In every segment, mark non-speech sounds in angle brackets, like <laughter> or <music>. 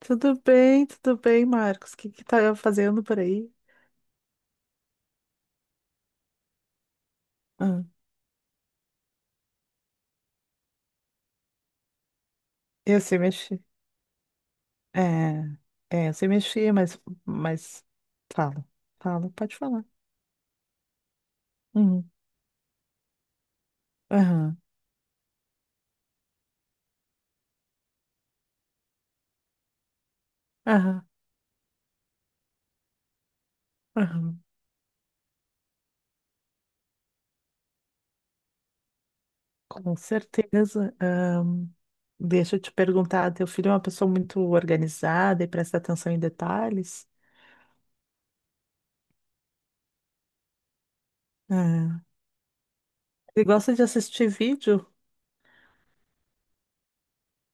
Tudo bem, Marcos. O que que tá fazendo por aí? Ah, eu sei mexer. É, é, eu sei mexer, mas fala, fala, pode falar. Uhum, aham, aham, aham. Com certeza. Deixa eu te perguntar, teu filho é uma pessoa muito organizada e presta atenção em detalhes? Ah, ele gosta de assistir vídeo?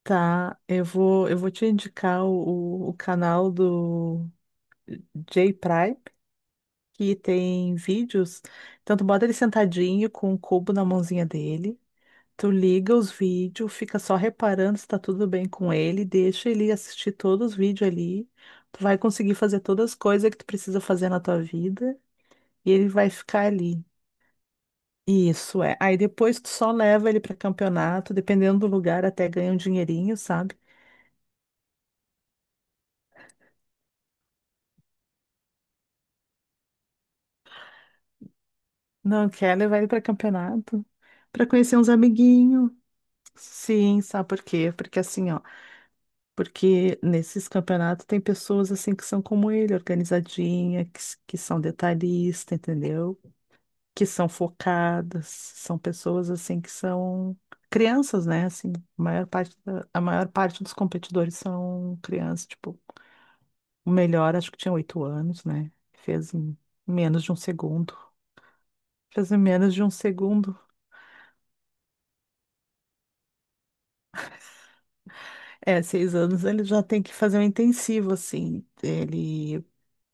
Tá, eu vou te indicar o canal do J Prime, que tem vídeos. Então, tu bota ele sentadinho com um cubo na mãozinha dele. Tu liga os vídeos, fica só reparando se tá tudo bem com ele, deixa ele assistir todos os vídeos ali. Tu vai conseguir fazer todas as coisas que tu precisa fazer na tua vida e ele vai ficar ali. Isso é. Aí depois tu só leva ele pra campeonato, dependendo do lugar, até ganha um dinheirinho, sabe? Não quer levar ele pra campeonato, pra conhecer uns amiguinhos. Sim, sabe por quê? Porque assim, ó. Porque nesses campeonatos tem pessoas assim que são como ele, organizadinha, que são detalhista, entendeu? Que são focadas, são pessoas assim que são crianças, né? Assim, a maior parte dos competidores são crianças, tipo, o melhor acho que tinha 8 anos, né? Fez em menos de um segundo. Fez em menos de um segundo. É, 6 anos ele já tem que fazer um intensivo, assim. Ele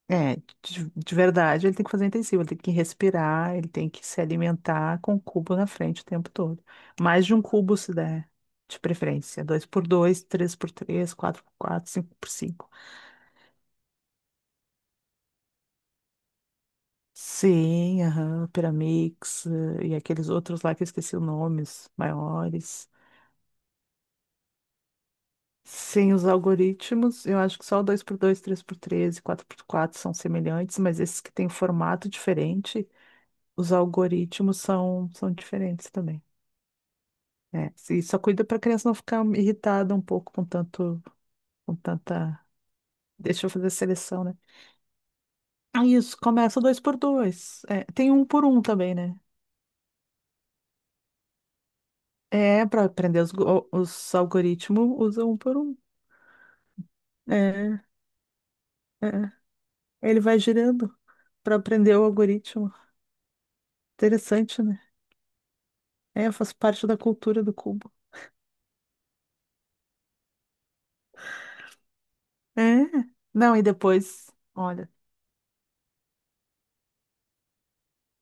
é, de verdade, ele tem que fazer intensivo, ele tem que respirar, ele tem que se alimentar com o cubo na frente o tempo todo. Mais de um cubo se der, de preferência. Dois por dois, três por três, quatro por quatro, cinco por cinco. Sim, aham, Pyramix, e aqueles outros lá que eu esqueci os nomes, maiores. Sem os algoritmos, eu acho que só o dois por dois, três por três, e 4x4 são semelhantes, mas esses que têm formato diferente, os algoritmos são diferentes também. É, e só cuida para a criança não ficar irritada um pouco com tanto, com tanta. Deixa eu fazer a seleção, né? Ah, isso, começa dois por dois. É, tem um por um também, né? É, para aprender os algoritmos, usa um por um. É, é. Ele vai girando para aprender o algoritmo. Interessante, né? É, faz parte da cultura do cubo. É. Não, e depois, olha,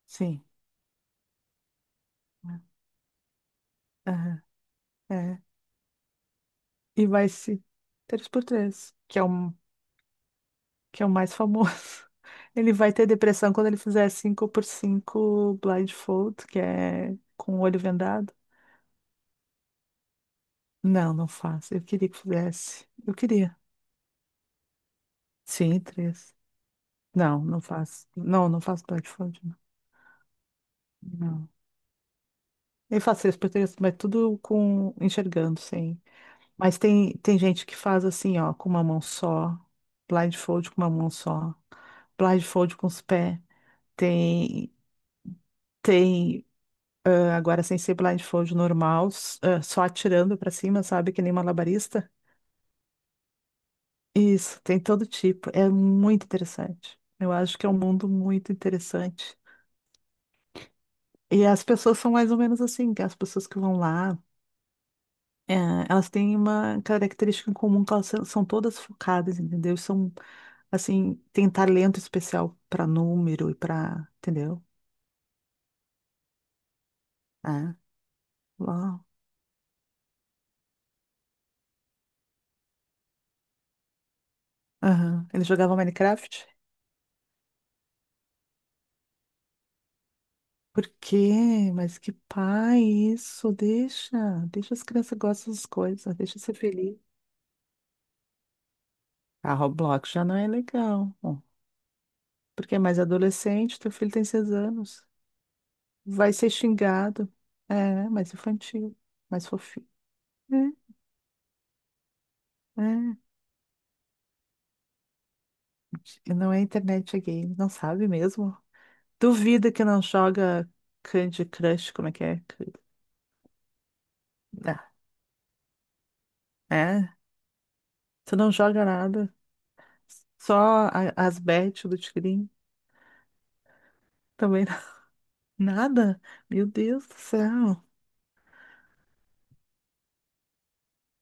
sim. Aham, é. E vai se. Três por três, que é um, que é o mais famoso. <laughs> Ele vai ter depressão quando ele fizer 5x5 blindfold, que é com o olho vendado. Não, não faço. Eu queria que fizesse. Eu queria. Sim, três. Não, não faço. Não, não faço blindfold, não. Não. Eu faço três por três, mas tudo com enxergando, sim. Mas tem gente que faz assim, ó, com uma mão só, blindfold com uma mão só, blindfold com os pés. Tem, tem agora sem ser blindfold normal, só atirando pra cima, sabe? Que nem malabarista. Isso, tem todo tipo. É muito interessante. Eu acho que é um mundo muito interessante. E as pessoas são mais ou menos assim, que as pessoas que vão lá, eh, elas têm uma característica em comum, que elas são todas focadas, entendeu? São, assim, têm talento especial pra número e pra, entendeu? É. Uau. Aham. Ele jogava Minecraft? Por quê? Mas que pai isso? Deixa, deixa as crianças gostam das coisas, deixa ser feliz. A Roblox já não é legal, bom, porque é mais adolescente, teu filho tem 6 anos, vai ser xingado, é, mais infantil, mais fofinho. É, é. Não é internet, é game, não sabe mesmo? Duvida que não joga Candy Crush, como é que é? Ah, é? Tu não joga nada, só as bets do Tigrinho. Também. Nada? Meu Deus do céu.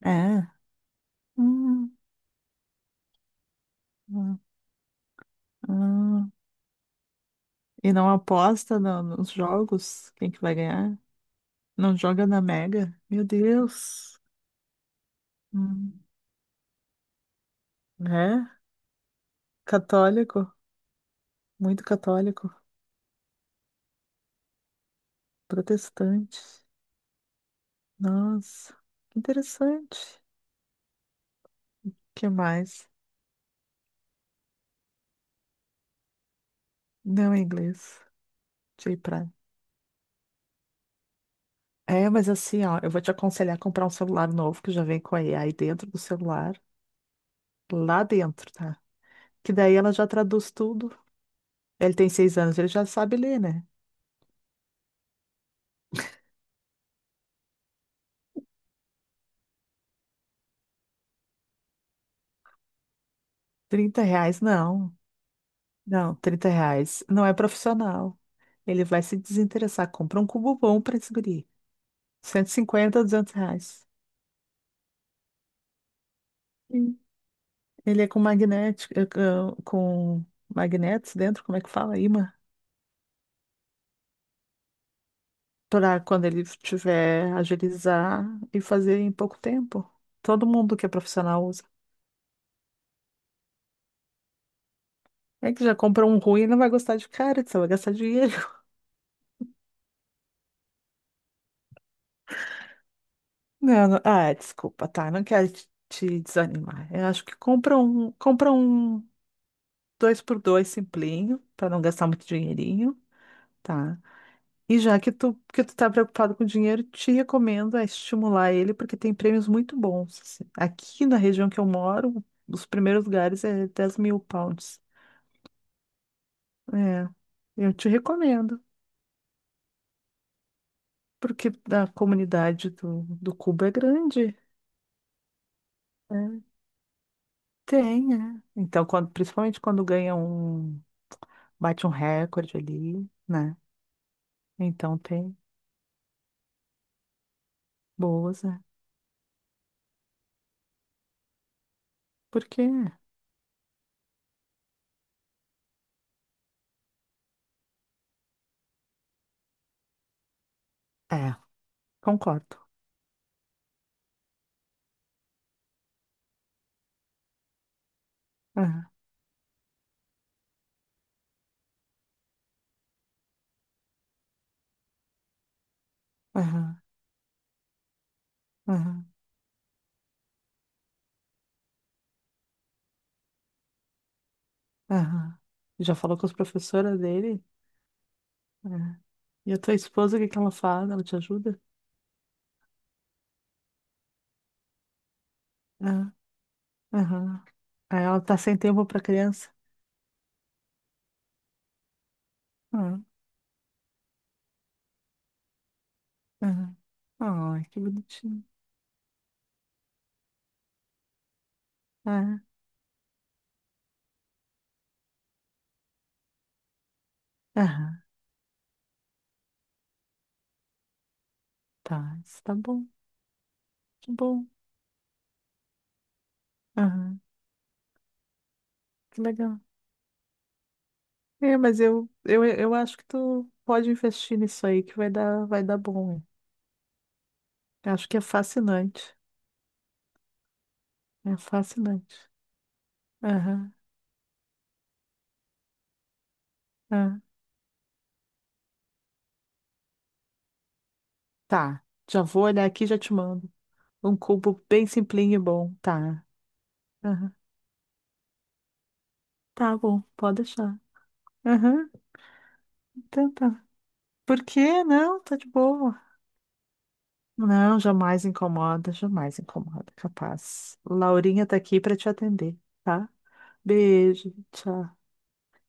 É. Hum, hum, hum. E não aposta nos jogos? Quem que vai ganhar? Não joga na Mega? Meu Deus. Hum. É? Católico? Muito católico. Protestante. Nossa. Que interessante. Que mais? Não é inglês. J pra. É, mas assim, ó, eu vou te aconselhar a comprar um celular novo que já vem com a AI dentro do celular. Lá dentro, tá? Que daí ela já traduz tudo. Ele tem 6 anos, ele já sabe ler, né? R$ 30, não. Não, R$ 30 não é profissional. Ele vai se desinteressar. Compra um cubo bom para esse guri. 150, R$ 200. Sim. Ele é com magnético, com magnetos dentro, como é que fala? Imã. Para quando ele tiver agilizar e fazer em pouco tempo. Todo mundo que é profissional usa. É que já compra um ruim e não vai gostar de cara, só vai gastar dinheiro. Não, é, desculpa, tá. Não quero te desanimar. Eu acho que compra um dois por dois simplinho, para não gastar muito dinheirinho, tá? E já que tu tá preocupado com dinheiro, te recomendo a estimular ele, porque tem prêmios muito bons. Assim, aqui na região que eu moro, os primeiros lugares é 10.000 pounds. É, eu te recomendo, porque a comunidade do Cubo é grande, né? Tem, é. Então, quando, principalmente quando ganha um, bate um recorde ali, né? Então tem boas, né? Porque, é, concordo. Aham, aham, aham, aham. Já falou com as professoras dele? É. E a tua esposa, o que que ela faz? Ela te ajuda? Aham, aham. Aí, ela tá sem tempo pra criança? Aham, aham. Ai, que bonitinho. Aham, aham. Tá, isso tá bom, que bom. Aham, que legal. É, mas eu acho que tu pode investir nisso aí, que vai dar bom. Acho que é fascinante. É fascinante. Aham, aham. Tá. Já vou olhar aqui e já te mando. Um cubo bem simplinho e bom. Tá. Aham. Tá bom, pode deixar. Aham, então tá. Por quê? Não, tá de boa. Não, jamais incomoda, jamais incomoda, capaz. Laurinha tá aqui pra te atender, tá? Beijo, tchau.